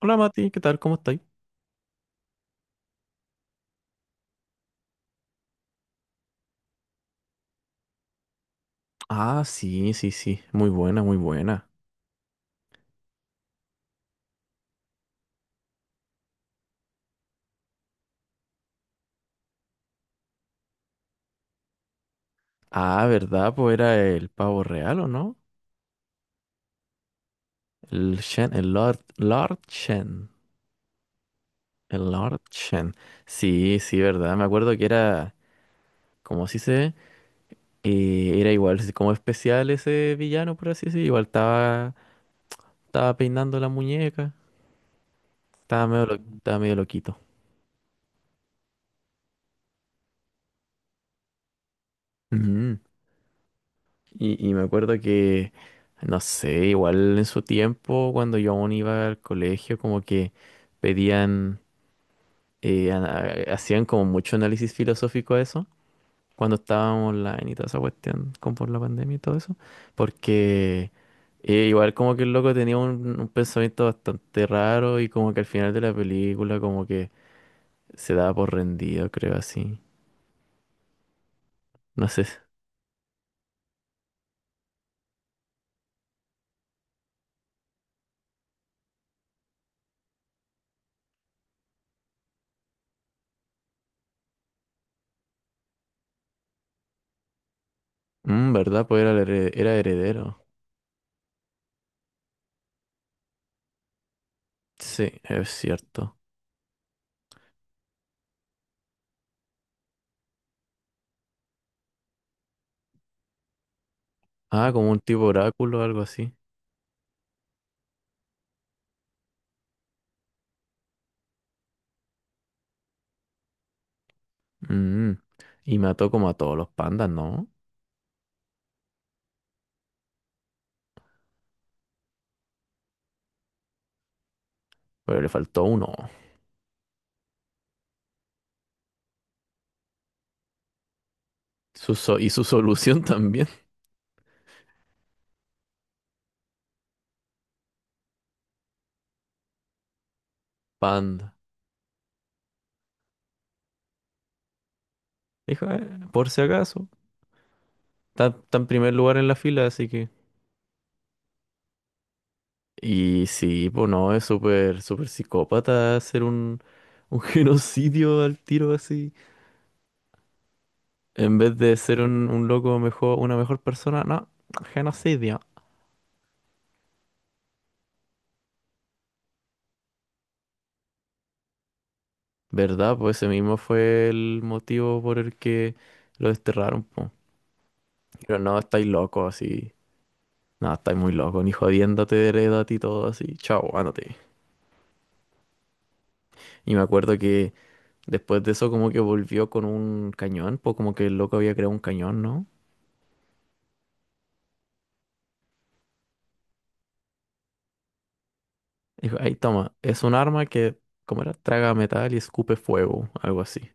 Hola Mati, ¿qué tal? ¿Cómo estáis? Ah, sí, sí, sí, muy buena, muy buena. Ah, ¿verdad? Pues era el pavo real, ¿o no? El Shen, el Lord, Lord Shen, el Lord Shen. Sí, sí, ¿verdad? Me acuerdo que era, como así se, era igual, así como especial ese villano, por así decirlo. Igual estaba, estaba peinando la muñeca, estaba medio, estaba medio loquito. Ujú. Y me acuerdo que, no sé, igual en su tiempo, cuando yo aún iba al colegio, como que pedían, hacían como mucho análisis filosófico a eso, cuando estábamos online y toda esa cuestión, como por la pandemia y todo eso, porque igual como que el loco tenía un pensamiento bastante raro y como que al final de la película como que se daba por rendido, creo así. No sé. Mm, ¿verdad? Pues era, era heredero. Sí, es cierto. Ah, como un tipo oráculo o algo así. Mm. Y mató como a todos los pandas, ¿no? Pero le faltó uno. Y su solución también. Panda. Dijo, por si acaso. Está, está en primer lugar en la fila, así que". Y sí, pues no, es súper, súper psicópata hacer un genocidio al tiro así. En vez de ser un loco mejor, una mejor persona, no, genocidio. ¿Verdad? Pues ese mismo fue el motivo por el que lo desterraron, po. Pero no, estáis loco así. No, estáis muy loco, ni jodiéndote, heredate y todo así. Chao, ándate. Y me acuerdo que después de eso como que volvió con un cañón, pues como que el loco había creado un cañón, ¿no? Dijo, ahí toma, es un arma que, ¿cómo era? Traga metal y escupe fuego, algo así.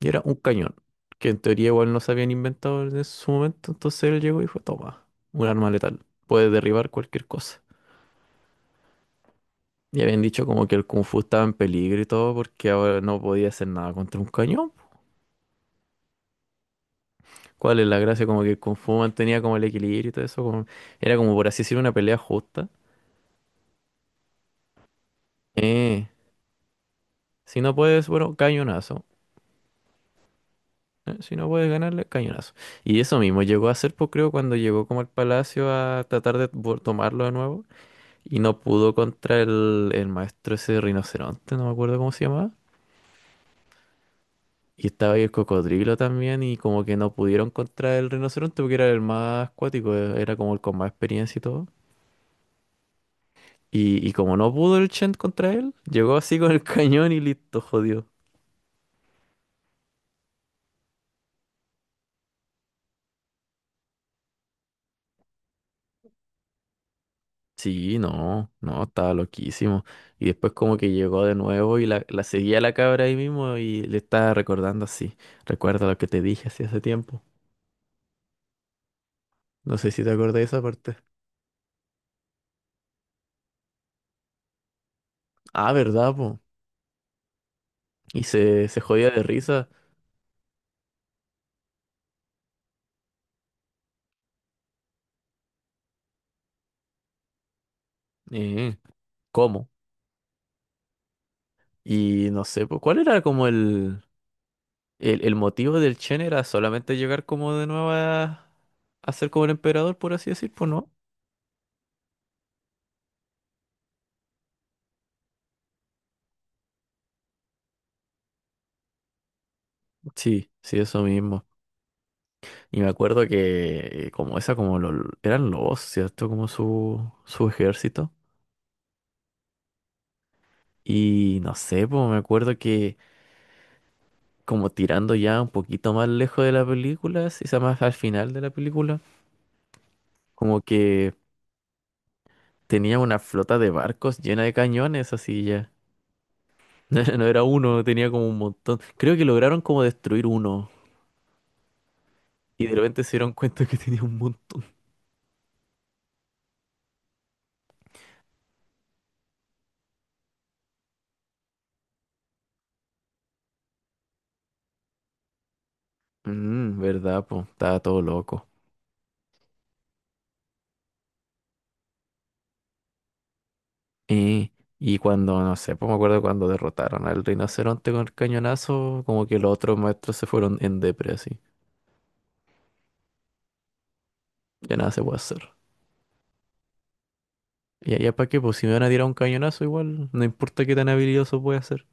Y era un cañón, que en teoría igual no se habían inventado en su momento, entonces él llegó y dijo, toma, un arma letal, puede derribar cualquier cosa. Y habían dicho como que el Kung Fu estaba en peligro y todo porque ahora no podía hacer nada contra un cañón. ¿Cuál es la gracia? Como que el Kung Fu mantenía como el equilibrio y todo eso. Era como por así decir una pelea justa. Eh, si no puedes, bueno, cañonazo. Si no puedes ganarle, cañonazo. Y eso mismo llegó a ser, pues creo, cuando llegó como al palacio a tratar de tomarlo de nuevo. Y no pudo contra el maestro ese rinoceronte, no me acuerdo cómo se llamaba. Y estaba ahí el cocodrilo también. Y como que no pudieron contra el rinoceronte porque era el más acuático, era como el con más experiencia y todo. Y como no pudo el Chen contra él, llegó así con el cañón y listo, jodió. Sí, no, no, estaba loquísimo. Y después como que llegó de nuevo y la seguía la cabra ahí mismo y le estaba recordando así. Recuerda lo que te dije así hace tiempo. No sé si te acordás de esa parte. Ah, ¿verdad, po? Y se jodía de risa. Eh, ¿Cómo? Y no sé, pues, ¿cuál era como el, el motivo del Chen? ¿Era solamente llegar como de nuevo a ser como el emperador, por así decir? Pues no. Sí, sí, eso mismo. Y me acuerdo que como esa, como lo, eran lobos, ¿cierto? Como su ejército. Y no sé, pues me acuerdo que como tirando ya un poquito más lejos de la película, si se más al final de la película, como que tenía una flota de barcos llena de cañones, así ya. No era uno, tenía como un montón. Creo que lograron como destruir uno. Y de repente se dieron cuenta que tenía un montón. Mm, ¿verdad, pues? Estaba todo loco. Y, y cuando, no sé, pues me acuerdo cuando derrotaron al rinoceronte con el cañonazo, como que los otros maestros se fueron en depre así. Ya nada se puede hacer. Y allá para qué, pues si me van a tirar un cañonazo igual, no importa qué tan habilidoso pueda ser.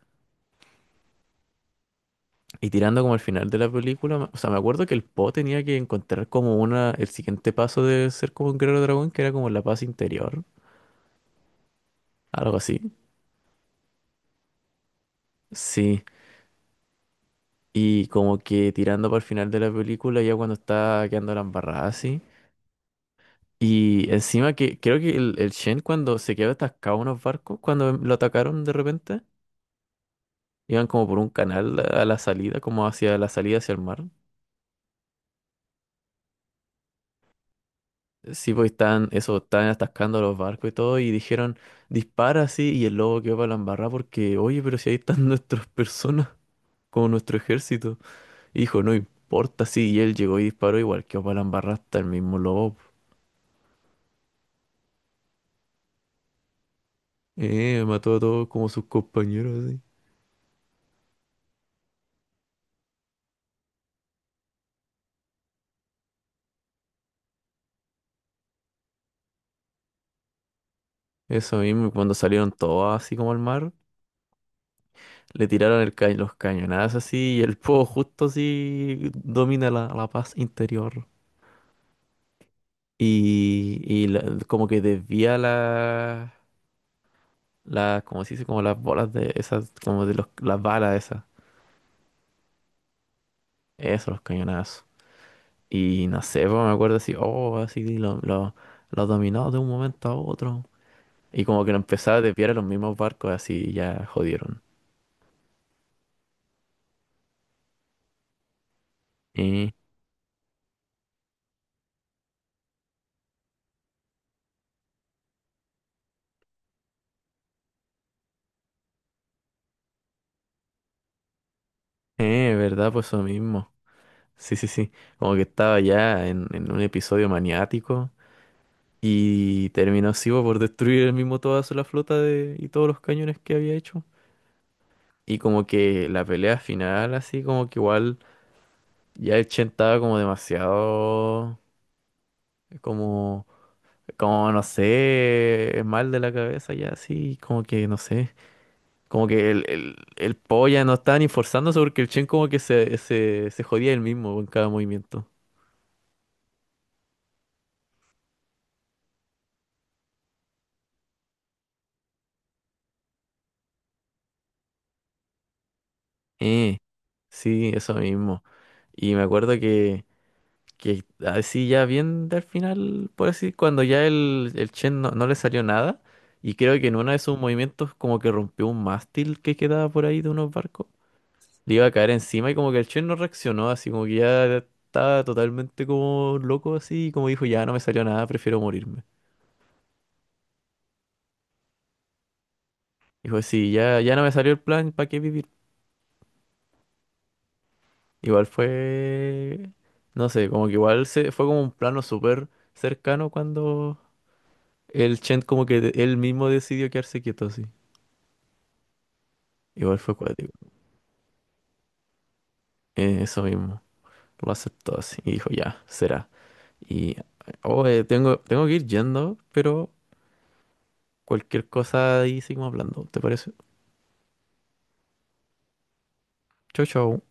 Y tirando como al final de la película, o sea, me acuerdo que el Po tenía que encontrar como una, el siguiente paso de ser como un guerrero dragón, que era como la paz interior, algo así. Sí. Y como que tirando para el final de la película, ya cuando está quedando la embarrada así. Y encima que creo que el Shen cuando se quedó atascado en unos barcos, cuando lo atacaron de repente, iban como por un canal a la salida, como hacia la salida hacia el mar. Sí, pues estaban, eso, estaban atascando los barcos y todo, y dijeron, dispara así, y el lobo quedó para la embarrada porque, oye, pero si ahí están nuestras personas, como nuestro ejército. Y dijo, no importa, sí, y él llegó y disparó, igual quedó para la embarrada hasta el mismo lobo. Mató a todos como sus compañeros, así. Eso mismo, y cuando salieron todos así como al mar. Le tiraron el los cañonazos así y el fuego justo así domina la, la paz interior. Y como que desvía la, la, como se dice, como las bolas de esas, como de los, las balas esas. Eso, los cañonazos. Y no sé, pues, me acuerdo así, oh, así lo dominó de un momento a otro. Y como que lo empezaba a desviar a los mismos barcos, así ya jodieron. Eh, ¿Verdad? Pues eso mismo. Sí, sí, sí. Como que estaba ya en un episodio maniático. Y terminó sivo por destruir el mismo toda la flota de, y todos los cañones que había hecho. Y como que la pelea final, así como que igual ya el Chen estaba como demasiado, como, como no sé, mal de la cabeza ya así, como que no sé. Como que el Po ya no estaba ni forzándose porque el Chen como que se jodía él mismo en cada movimiento. Eh, sí, eso mismo. Y me acuerdo que así ya bien al final, por así, cuando ya el Chen no, no le salió nada, y creo que en uno de sus movimientos como que rompió un mástil que quedaba por ahí de unos barcos, le iba a caer encima y como que el Chen no reaccionó, así como que ya estaba totalmente como loco así, y como dijo, ya no me salió nada, prefiero morirme. Dijo, sí, ya, ya no me salió el plan, ¿para qué vivir? Igual fue, no sé, como que igual se, fue como un plano súper cercano cuando el Chen como que él mismo decidió quedarse quieto así. Igual fue cuático. Eso mismo. Lo aceptó así. Y dijo, ya, será. Y, oh, tengo, tengo que ir yendo, pero cualquier cosa ahí seguimos hablando. ¿Te parece? Chau, chau.